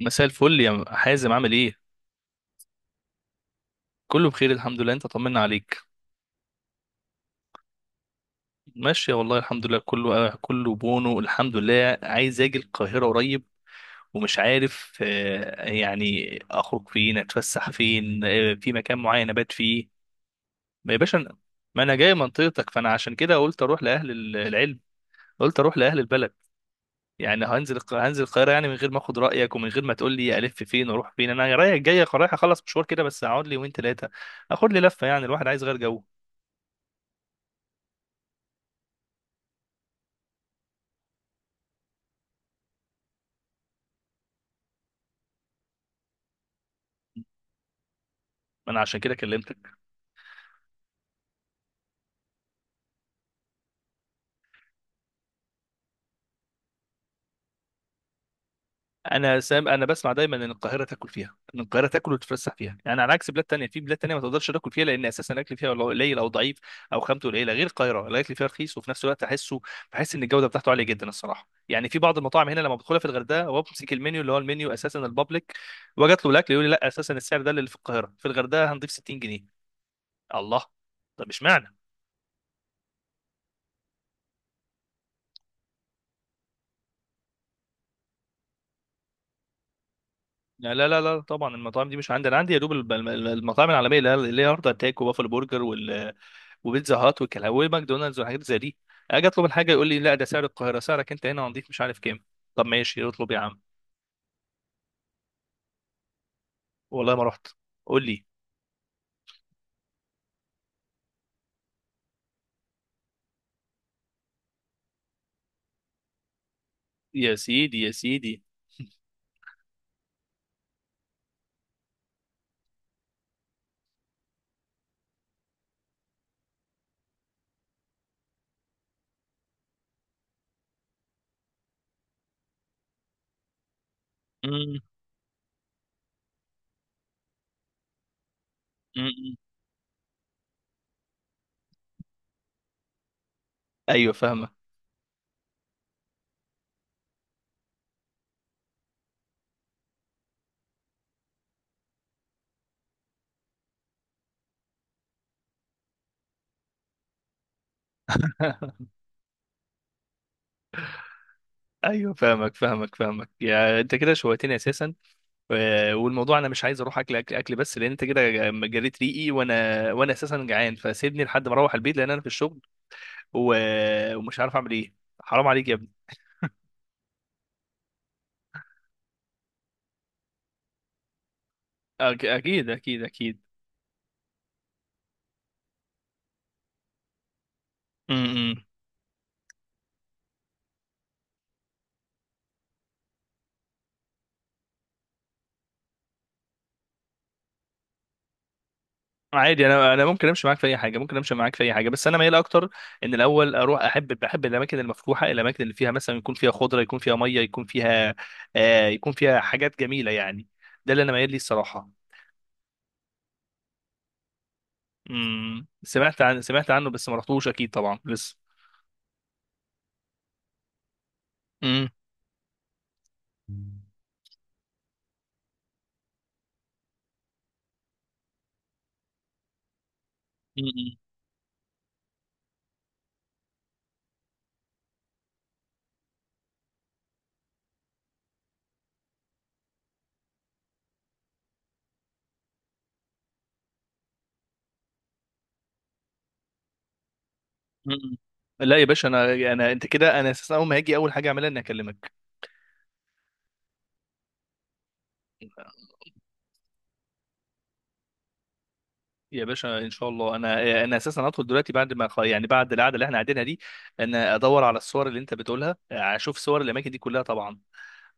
مساء الفل يا حازم، عامل ايه؟ كله بخير الحمد لله. انت طمنا عليك. ماشية والله الحمد لله. كله بونو الحمد لله. عايز اجي القاهرة قريب ومش عارف، يعني اخرج فين، اتفسح فين، في مكان معين ابات فيه. ما يا باشا ما انا جاي منطقتك، فانا عشان كده قلت اروح لاهل العلم. قلت اروح لاهل البلد. يعني هنزل القاهرة يعني من غير ما اخد رأيك ومن غير ما تقول لي الف فين واروح فين. انا رايح جاي، رايح اخلص مشوار كده بس، اقعد لي يومين ثلاثة، اخد لي لفة. يعني الواحد عايز غير جو. انا عشان كده كلمتك. انا سام انا بسمع دايما ان القاهره تاكل فيها، ان القاهره تاكل وتتفسح فيها. يعني على عكس بلاد تانية، في بلاد تانية ما تقدرش تاكل فيها لان اساسا الاكل فيها والله قليل او ضعيف، او خامته قليله. غير القاهره الاكل فيها رخيص، وفي نفس الوقت بحس ان الجوده بتاعته عاليه جدا الصراحه. يعني في بعض المطاعم هنا لما بدخلها في الغردقه وبمسك المنيو، اللي هو المنيو اساسا البابليك، واجت له الاكل، يقول لي لا، اساسا السعر ده اللي في القاهره، في الغردقه هنضيف 60 جنيه. الله. طب اشمعنى؟ لا لا لا لا، طبعا المطاعم دي مش عندي. انا عندي يا دوب المطاعم العالميه، اللي هي هارد اتاك، وبافل برجر، وبيتزا هات والكلام، وماكدونالدز، وحاجات زي دي. اجي اطلب الحاجه، يقول لي لا، ده سعر القاهره، سعرك انت هنا هنضيف مش عارف كام. طب ماشي اطلب يا عم. والله ما رحت. قول لي. يا سيدي يا سيدي. مم، مم، مم. ايوه فاهمك. ايوه فاهمك فاهمك فاهمك، يا انت كده شويتني اساسا. والموضوع انا مش عايز اروح اكل اكل اكل بس، لان انت كده جريت ريقي، وانا اساسا جعان. فسيبني لحد ما اروح البيت لان انا في الشغل و... ومش عارف اعمل ايه. حرام عليك يا ابني. اكيد اكيد اكيد. م- م. عادي، انا ممكن امشي معاك في اي حاجه، ممكن امشي معاك في اي حاجه، بس انا ميال اكتر ان الاول اروح، بحب الاماكن المفتوحه، الاماكن اللي فيها مثلا يكون فيها خضره، يكون فيها ميه، يكون فيها، يكون فيها حاجات جميله يعني. ده اللي انا ميال ليه الصراحه. سمعت سمعت عنه، بس ما رحتوش اكيد طبعا لسه. امم. امم. أمم. لا يا باشا، انا، انت كده، انا اساسا اول ما هاجي اول حاجه اعملها اني اكلمك. يا باشا ان شاء الله، انا اساسا هدخل دلوقتي بعد ما بعد القعده اللي احنا قاعدينها دي. انا ادور على الصور اللي انت بتقولها، اشوف صور الاماكن دي كلها طبعا،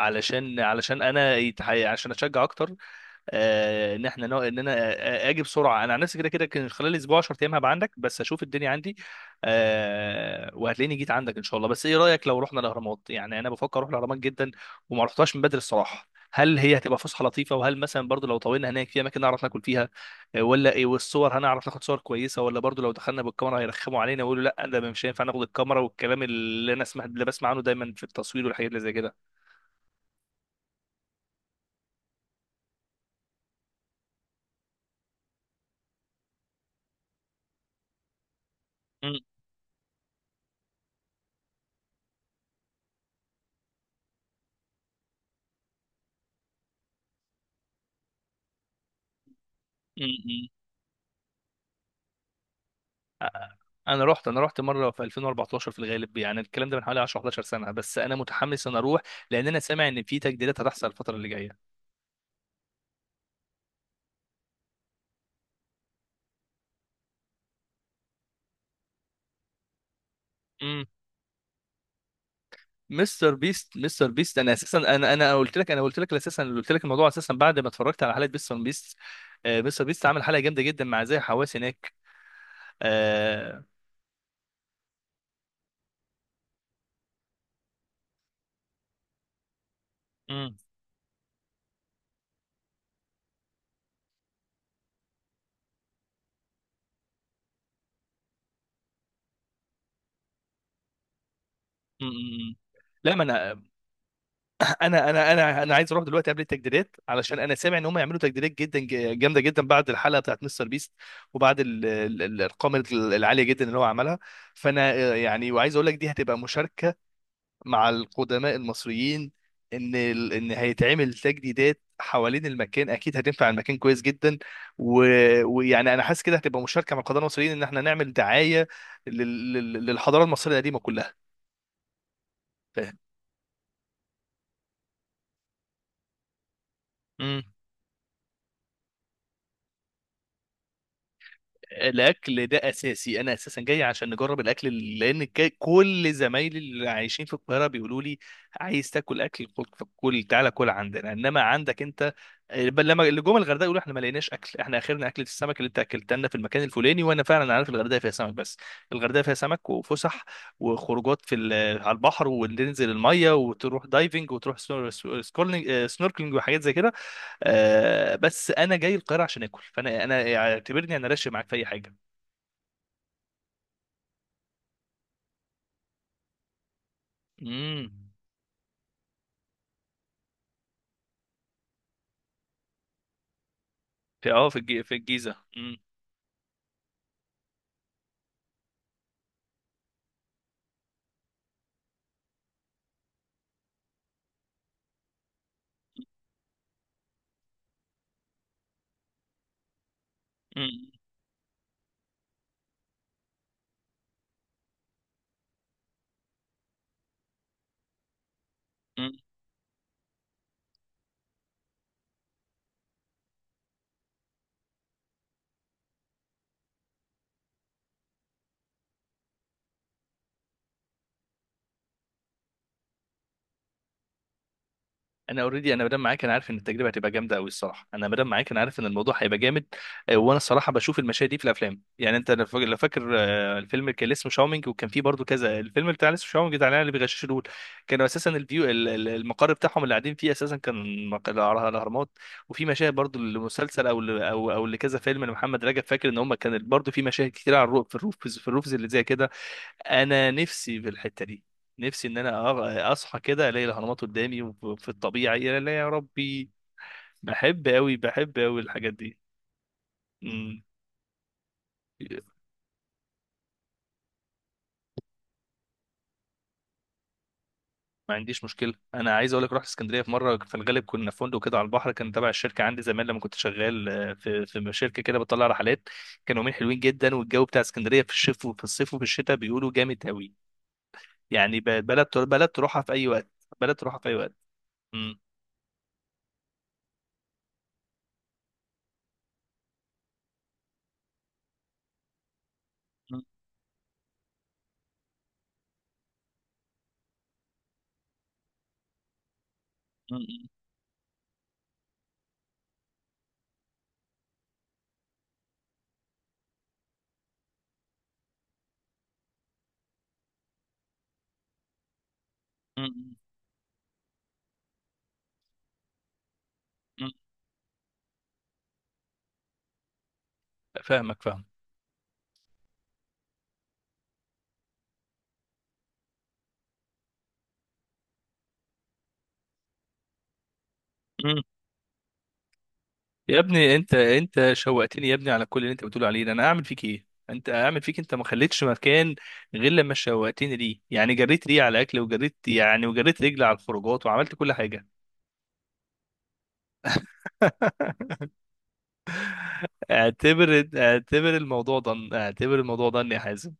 علشان انا عشان اشجع اكتر، آه، ان احنا نو... ان انا آه، آه، اجي بسرعه. انا عن نفسي كده كده كان خلال اسبوع 10 ايام هبقى عندك، بس اشوف الدنيا عندي. وهتلاقيني جيت عندك ان شاء الله. بس ايه رايك لو رحنا الاهرامات؟ يعني انا بفكر اروح الاهرامات جدا، وما رحتهاش من بدري الصراحه. هل هي هتبقى فسحه لطيفه؟ وهل مثلا برضو لو طولنا هناك في اماكن نعرف ناكل فيها؟ ولا ايه؟ والصور هنعرف ناخد صور كويسه؟ ولا برضو لو دخلنا بالكاميرا هيرخموا علينا ويقولوا لا ده مش هينفع ناخد الكاميرا، والكلام اللي انا سمعت اللي بسمع عنه دايما في التصوير والحاجات اللي زي كده. مم، مم، انا رحت مره في 2014 في الغالب. يعني الكلام ده من حوالي 10 11 سنه، بس انا متحمس ان اروح، لان انا سامع ان في تجديدات هتحصل الفتره اللي جايه. امم. مستر بيست، انا اساسا، انا قلت لك، انا قلت لك اساسا قلت لك الموضوع اساسا بعد ما اتفرجت على حلقه مستر بيست. آه. مستر بيست عامل حلقه جامده جدا مع زي حواس هناك. آه. امم. أمم، أمم. لا ما انا عايز اروح دلوقتي قبل التجديدات، علشان انا سامع ان هم يعملوا تجديدات جدا جامده جدا بعد الحلقه بتاعت مستر بيست، وبعد الارقام العاليه جدا اللي هو عملها. فانا، وعايز اقول لك دي هتبقى مشاركه مع القدماء المصريين. ان هيتعمل تجديدات حوالين المكان اكيد هتنفع المكان كويس جدا. و... ويعني انا حاسس كده هتبقى مشاركه مع القدماء المصريين ان احنا نعمل دعايه للحضاره المصريه القديمه كلها. فاهم. الاكل ده اساسي. انا اساسا جاي عشان نجرب الاكل، لان كل زمايلي اللي عايشين في القاهره بيقولوا لي: عايز تاكل اكل، كل، تعالى كل عندنا. انما عندك انت، بل لما اللي جم الغردقه يقولوا احنا ما لقيناش اكل، احنا اخرنا اكله السمك اللي انت اكلتها لنا في المكان الفلاني. وانا فعلا عارف الغردقه فيها سمك بس. الغردقه فيها سمك، وفسح، وخروجات على البحر، وننزل الميه، وتروح دايفنج، وتروح سنوركلينج وحاجات زي كده. آه، بس انا جاي القاهره عشان اكل. فانا، انا اعتبرني انا راشق معاك في اي حاجه. امم. في، في الجيزه. امم. انا اوريدي، انا مدام معاك انا عارف ان التجربه هتبقى جامده قوي الصراحه. انا مدام معاك انا عارف ان الموضوع هيبقى جامد. وانا الصراحه بشوف المشاهد دي في الافلام. يعني انت لو فاكر، الفيلم اللي كان اسمه شاومينج، وكان فيه برضو كذا الفيلم بتاع لسه شاومينج، بتاع العيال اللي بيغششوا دول. كانوا اساسا الفيو، المقر بتاعهم اللي قاعدين فيه، اساسا كان الاهرامات. وفي مشاهد برضو لمسلسل، او لكذا فيلم لمحمد رجب. فاكر ان هم كان برضو في مشاهد كتير على الروف، في الروف اللي زي كده. انا نفسي في الحته دي. نفسي ان انا اصحى كده الاقي الاهرامات قدامي وفي الطبيعه، يا لا يا ربي. بحب قوي، بحب قوي الحاجات دي. مم. ما عنديش مشكله. انا عايز اقول لك، رحت اسكندريه في مره، في الغالب كنا في فندق كده على البحر، كان تبع الشركه عندي زمان لما كنت شغال، في شركه كده بتطلع رحلات. كانوا يومين حلوين جدا. والجو بتاع اسكندريه في الشتاء، وفي الصيف، وفي الشتاء بيقولوا جامد قوي. يعني بلد تروحها في اي وقت. بلد تروحها في اي وقت. مم. مم. مم. مم. مم. فاهمك، فاهم. يا ابني، انت، شوقتني يا ابني على كل اللي انت بتقول عليه ده. انا اعمل فيك ايه، انت اعمل فيك، انت ما خليتش مكان غير لما شوقتني ليه. يعني جريت ليه على الاكل، وجريت، يعني، وجريت رجلي على الخروجات، وعملت كل حاجه. اعتبر الموضوع ده، اعتبر الموضوع ده يا حازم.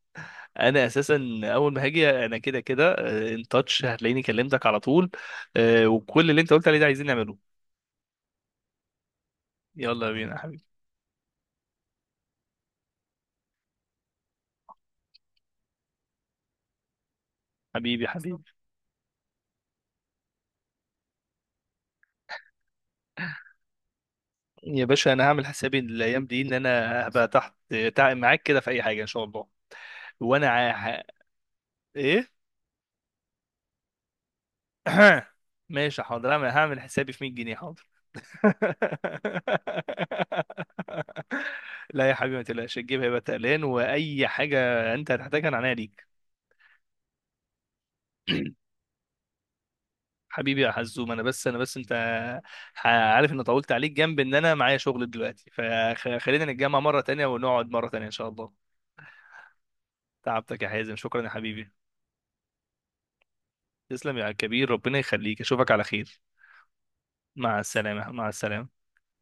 انا اساسا اول ما هاجي انا كده كده ان تاتش هتلاقيني كلمتك على طول. وكل اللي انت قلت عليه ده عايزين نعمله. يلا بينا يا حبيبي. حبيبي، حبيبي. يا باشا، انا هعمل حسابي الايام دي ان انا هبقى تحت، معاك كده في اي حاجه ان شاء الله. وانا ع- ايه؟ ماشي حاضر. انا هعمل حسابي في 100 جنيه حاضر. لا يا حبيبي، ما تقلقش، الجيب هيبقى تقلان. واي حاجه انت هتحتاجها انا عينيا ليك. حبيبي يا حزوم، انا بس انا بس انت عارف ان طولت عليك، جنب ان انا معايا شغل دلوقتي. فخلينا نتجمع مره تانية، ونقعد مره تانية ان شاء الله. تعبتك يا حازم، شكرا يا حبيبي. تسلم يا كبير، ربنا يخليك، اشوفك على خير. مع السلامة. مع السلامة.